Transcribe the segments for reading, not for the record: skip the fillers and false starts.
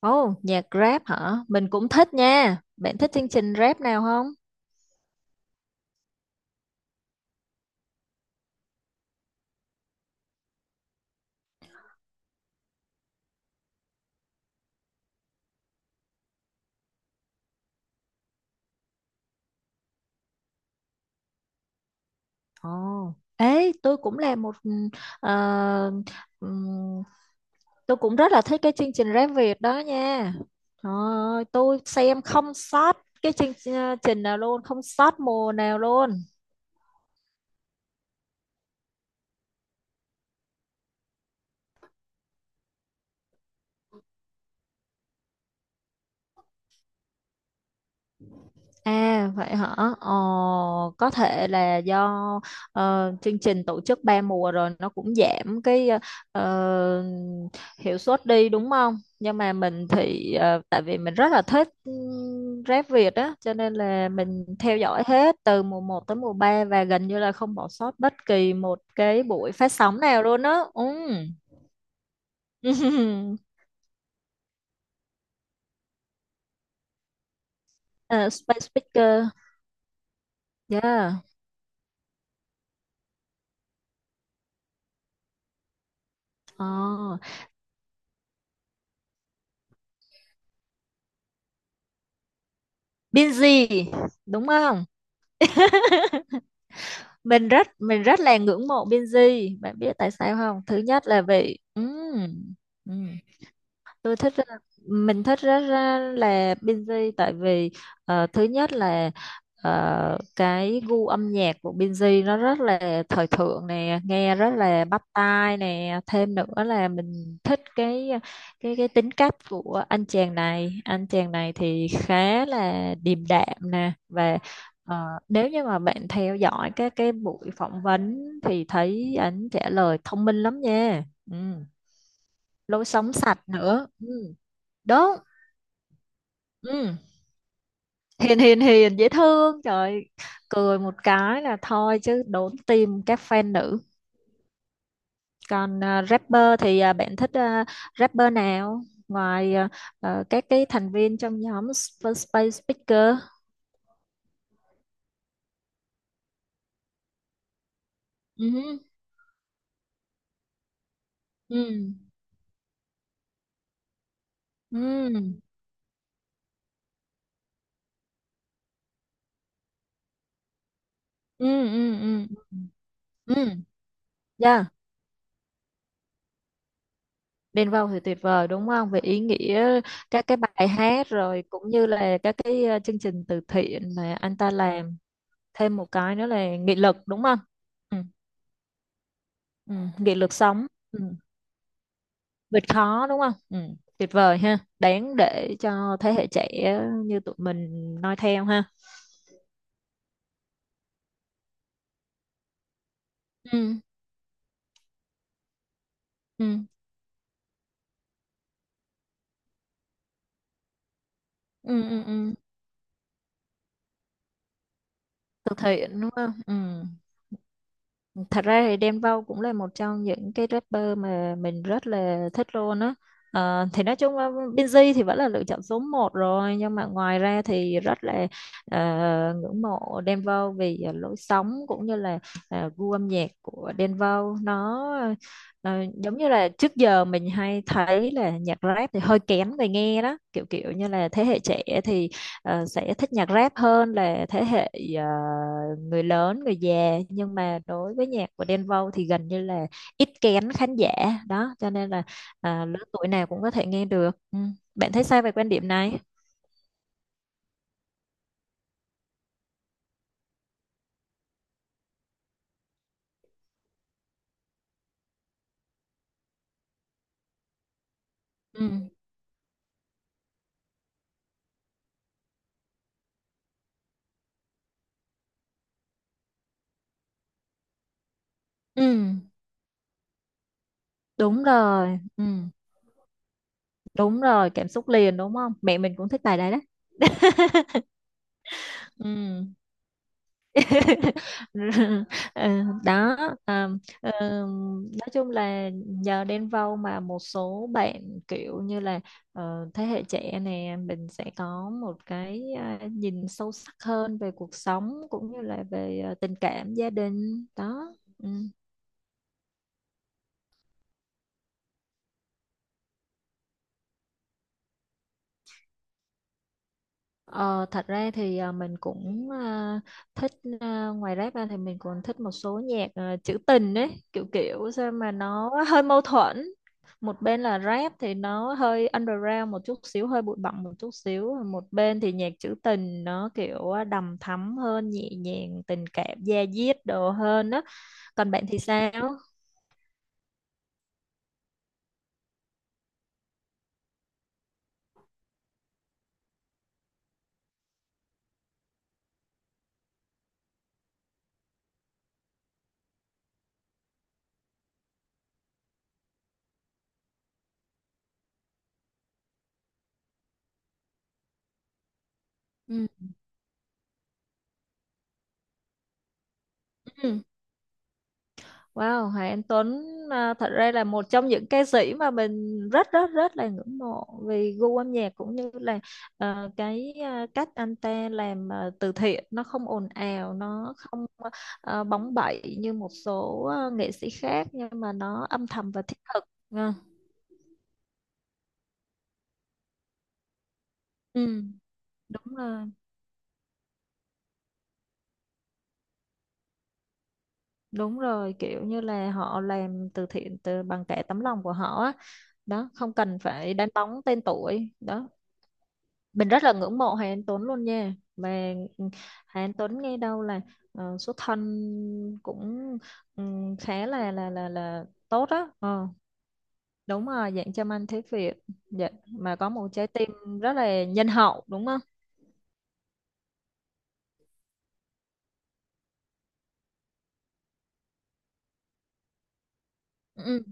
Ồ, nhạc rap hả? Mình cũng thích nha. Bạn thích chương trình rap nào không? Ồ, ê, ờ, ừm, tôi cũng rất là thích cái chương trình rap Việt đó nha. Trời ơi, tôi xem không sót cái chương trình nào luôn, không sót mùa nào luôn. À vậy hả? Ờ, có thể là do chương trình tổ chức ba mùa rồi nó cũng giảm cái ờ, hiệu suất đi, đúng không? Nhưng mà mình thì tại vì mình rất là thích rap Việt á, cho nên là mình theo dõi hết từ mùa một tới mùa 3 và gần như là không bỏ sót bất kỳ một cái buổi phát sóng nào luôn á. Ừ. Ờ, Space Speaker. Yeah. Ờ. Binz đúng không? Mình rất là ngưỡng mộ Binz, bạn biết tại sao không? Thứ nhất là vì ừm tôi thích ra- mình thích rất ra là Binz. Tại vì thứ nhất là cái gu âm nhạc của Binz nó rất là thời thượng nè, nghe rất là bắt tai nè, thêm nữa là mình thích cái tính cách của anh chàng này. Anh chàng này thì khá là điềm đạm nè, và ờ, nếu như mà bạn theo dõi các cái buổi phỏng vấn thì thấy anh trả lời thông minh lắm nha. Ừ. Lối sống sạch nữa. Ừ. Đúng. Ừ. Hiền hiền hiền dễ thương. Trời, cười một cái là thôi chứ đốn tim các fan nữ. Còn rapper thì bạn thích rapper nào? Ngoài các cái thành viên trong nhóm Space Speaker. Ừ. Ừ. Ừ. Ừ. Ừ. Ừ. Ừ, ừ. Yeah. Bên Vâu thì tuyệt vời đúng không? Về ý nghĩa các cái bài hát, rồi cũng như là các cái chương trình từ thiện mà anh ta làm. Thêm một cái nữa là nghị lực, đúng không? Ừ. Ừ. Nghị lực sống. Ừ. Vượt khó đúng không? Ừ. Tuyệt vời ha, đáng để cho thế hệ trẻ như tụi mình noi theo ha. Ừ. Ừ. Ừ. Ừ. Ừ. Thực hiện đúng không? Ừ. Thật ra thì Đen Vâu cũng là một trong những cái rapper mà mình rất là thích luôn á. Thì nói chung là Binz thì vẫn là lựa chọn số một rồi, nhưng mà ngoài ra thì rất là ờ, ngưỡng mộ Đen Vâu vì lối sống cũng như là gu âm nhạc của Đen Vâu nó ờ, giống như là trước giờ mình hay thấy là nhạc rap thì hơi kén người nghe đó, kiểu kiểu như là thế hệ trẻ thì sẽ thích nhạc rap hơn là thế hệ ờ, người lớn, người già, nhưng mà đối với nhạc của Đen Vâu thì gần như là ít kén khán giả đó, cho nên là lứa tuổi nào cũng có thể nghe được. Ừ. Bạn thấy sao về quan điểm này? Ừ. Ừ. Đúng rồi. Ừ. Đúng rồi, cảm xúc liền đúng không, mẹ mình cũng thích bài đấy đó. Ừ. Ờ, đó à, ờ, nói chung là nhờ Đen Vâu mà một số bạn kiểu như là thế hệ trẻ này, mình sẽ có một cái nhìn sâu sắc hơn về cuộc sống cũng như là về tình cảm gia đình đó. Ừ. Ờ, thật ra thì mình cũng thích, ngoài rap ra thì mình còn thích một số nhạc trữ tình ấy, kiểu kiểu sao mà nó hơi mâu thuẫn, một bên là rap thì nó hơi underground một chút xíu, hơi bụi bặm một chút xíu, một bên thì nhạc trữ tình nó kiểu đầm thắm hơn, nhẹ nhàng tình cảm da diết đồ hơn đó. Còn bạn thì sao? Ừ. Wow, Hoàng Anh Tuấn thật ra là một trong những ca sĩ mà mình rất rất rất là ngưỡng mộ vì gu âm nhạc cũng như là cái cách anh ta làm từ thiện, nó không ồn ào, nó không bóng bẩy như một số nghệ sĩ khác, nhưng mà nó âm thầm và thiết thực. À, ừ, đúng rồi, đúng rồi, kiểu như là họ làm từ thiện từ bằng cả tấm lòng của họ á. Đó, không cần phải đánh bóng tên tuổi. Đó, mình rất là ngưỡng mộ Hà Anh Tuấn luôn nha, mà Hà Anh Tuấn nghe đâu là số thân cũng ừ, khá là tốt đó. Ờ, đúng rồi, dạng châm anh thế Việt, dạ. Mà có một trái tim rất là nhân hậu đúng không? Ừ.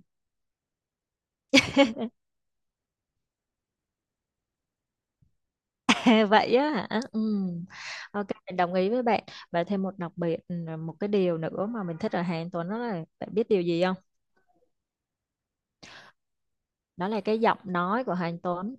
Vậy á hả. Ừ. Ok, mình đồng ý với bạn, và thêm một đặc biệt, một cái điều nữa mà mình thích ở Hà Anh Tuấn đó là bạn biết điều gì không? Đó là cái giọng nói của Hà Anh Tuấn,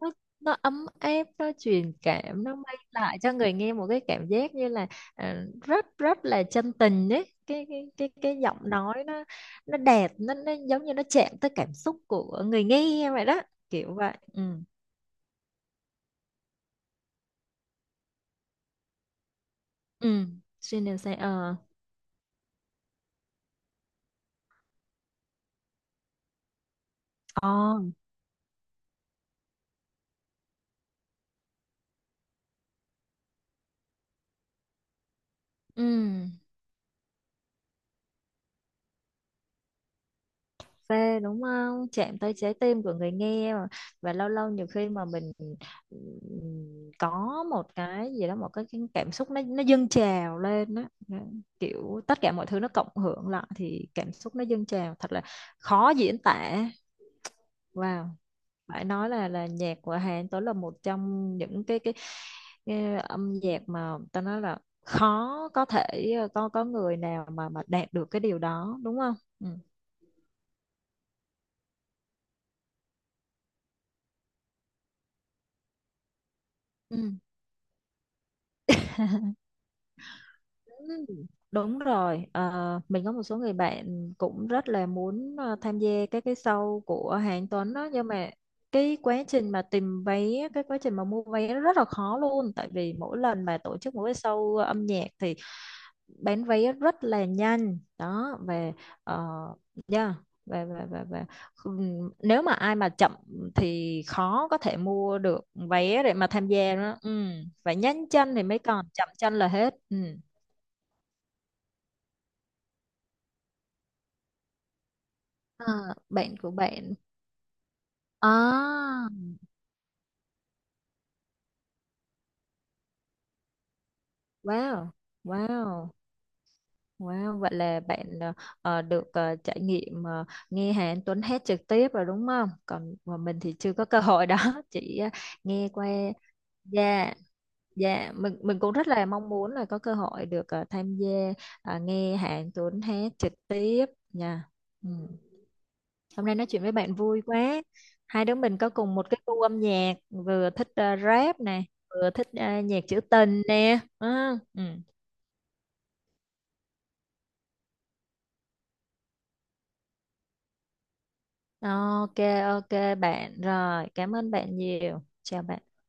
nó nó ấm áp, nó truyền cảm, nó mang lại cho người nghe một cái cảm giác như là rất rất là chân tình đấy, cái giọng nói nó đẹp, nó giống như nó chạm tới cảm xúc của người nghe vậy đó, kiểu vậy. Ừ. Ừ. Xuyên đều say. Ờ Ồ, ừ phê đúng không, chạm tới trái tim của người nghe mà. Và lâu lâu, nhiều khi mà mình có một cái gì đó, một cái cảm xúc nó dâng trào lên đó. Nó- Kiểu tất cả mọi thứ nó cộng hưởng lại thì cảm xúc nó dâng trào, thật là khó diễn tả. Wow, phải nói là nhạc của Hà Anh Tuấn là một trong những cái âm nhạc mà ta nói là khó, có thể có người nào mà đạt được cái điều đó đúng không? Ừ. Ừ. Ừ, đúng rồi, mình có một số người bạn cũng rất là muốn tham gia các cái show của Hà Anh Tuấn đó, nhưng mà cái quá trình mà tìm vé, cái quá trình mà mua vé nó rất là khó luôn, tại vì mỗi lần mà tổ chức một cái show âm nhạc thì bán vé rất là nhanh đó. Về uh, yeah, về về về về nếu mà ai mà chậm thì khó có thể mua được vé để mà tham gia đó. Ừ, phải nhanh chân thì mới còn, chậm chân là hết. Ừ. À, bạn của bạn. À, wow, wow, wow. Vậy là bạn được trải nghiệm nghe Hà Anh Tuấn hát trực tiếp rồi đúng không? Còn mà mình thì chưa có cơ hội đó, chỉ nghe qua. Dạ, dạ. Mình cũng rất là mong muốn là có cơ hội được tham gia nghe Hà Anh Tuấn hát trực tiếp nha. Ừ. Hôm nay nói chuyện với bạn vui quá. Hai đứa mình có cùng một cái gu âm nhạc, vừa thích rap nè, vừa thích nhạc trữ tình nè. Ừ. Ừ. Ok, ok bạn. Rồi, cảm ơn bạn nhiều. Chào bạn.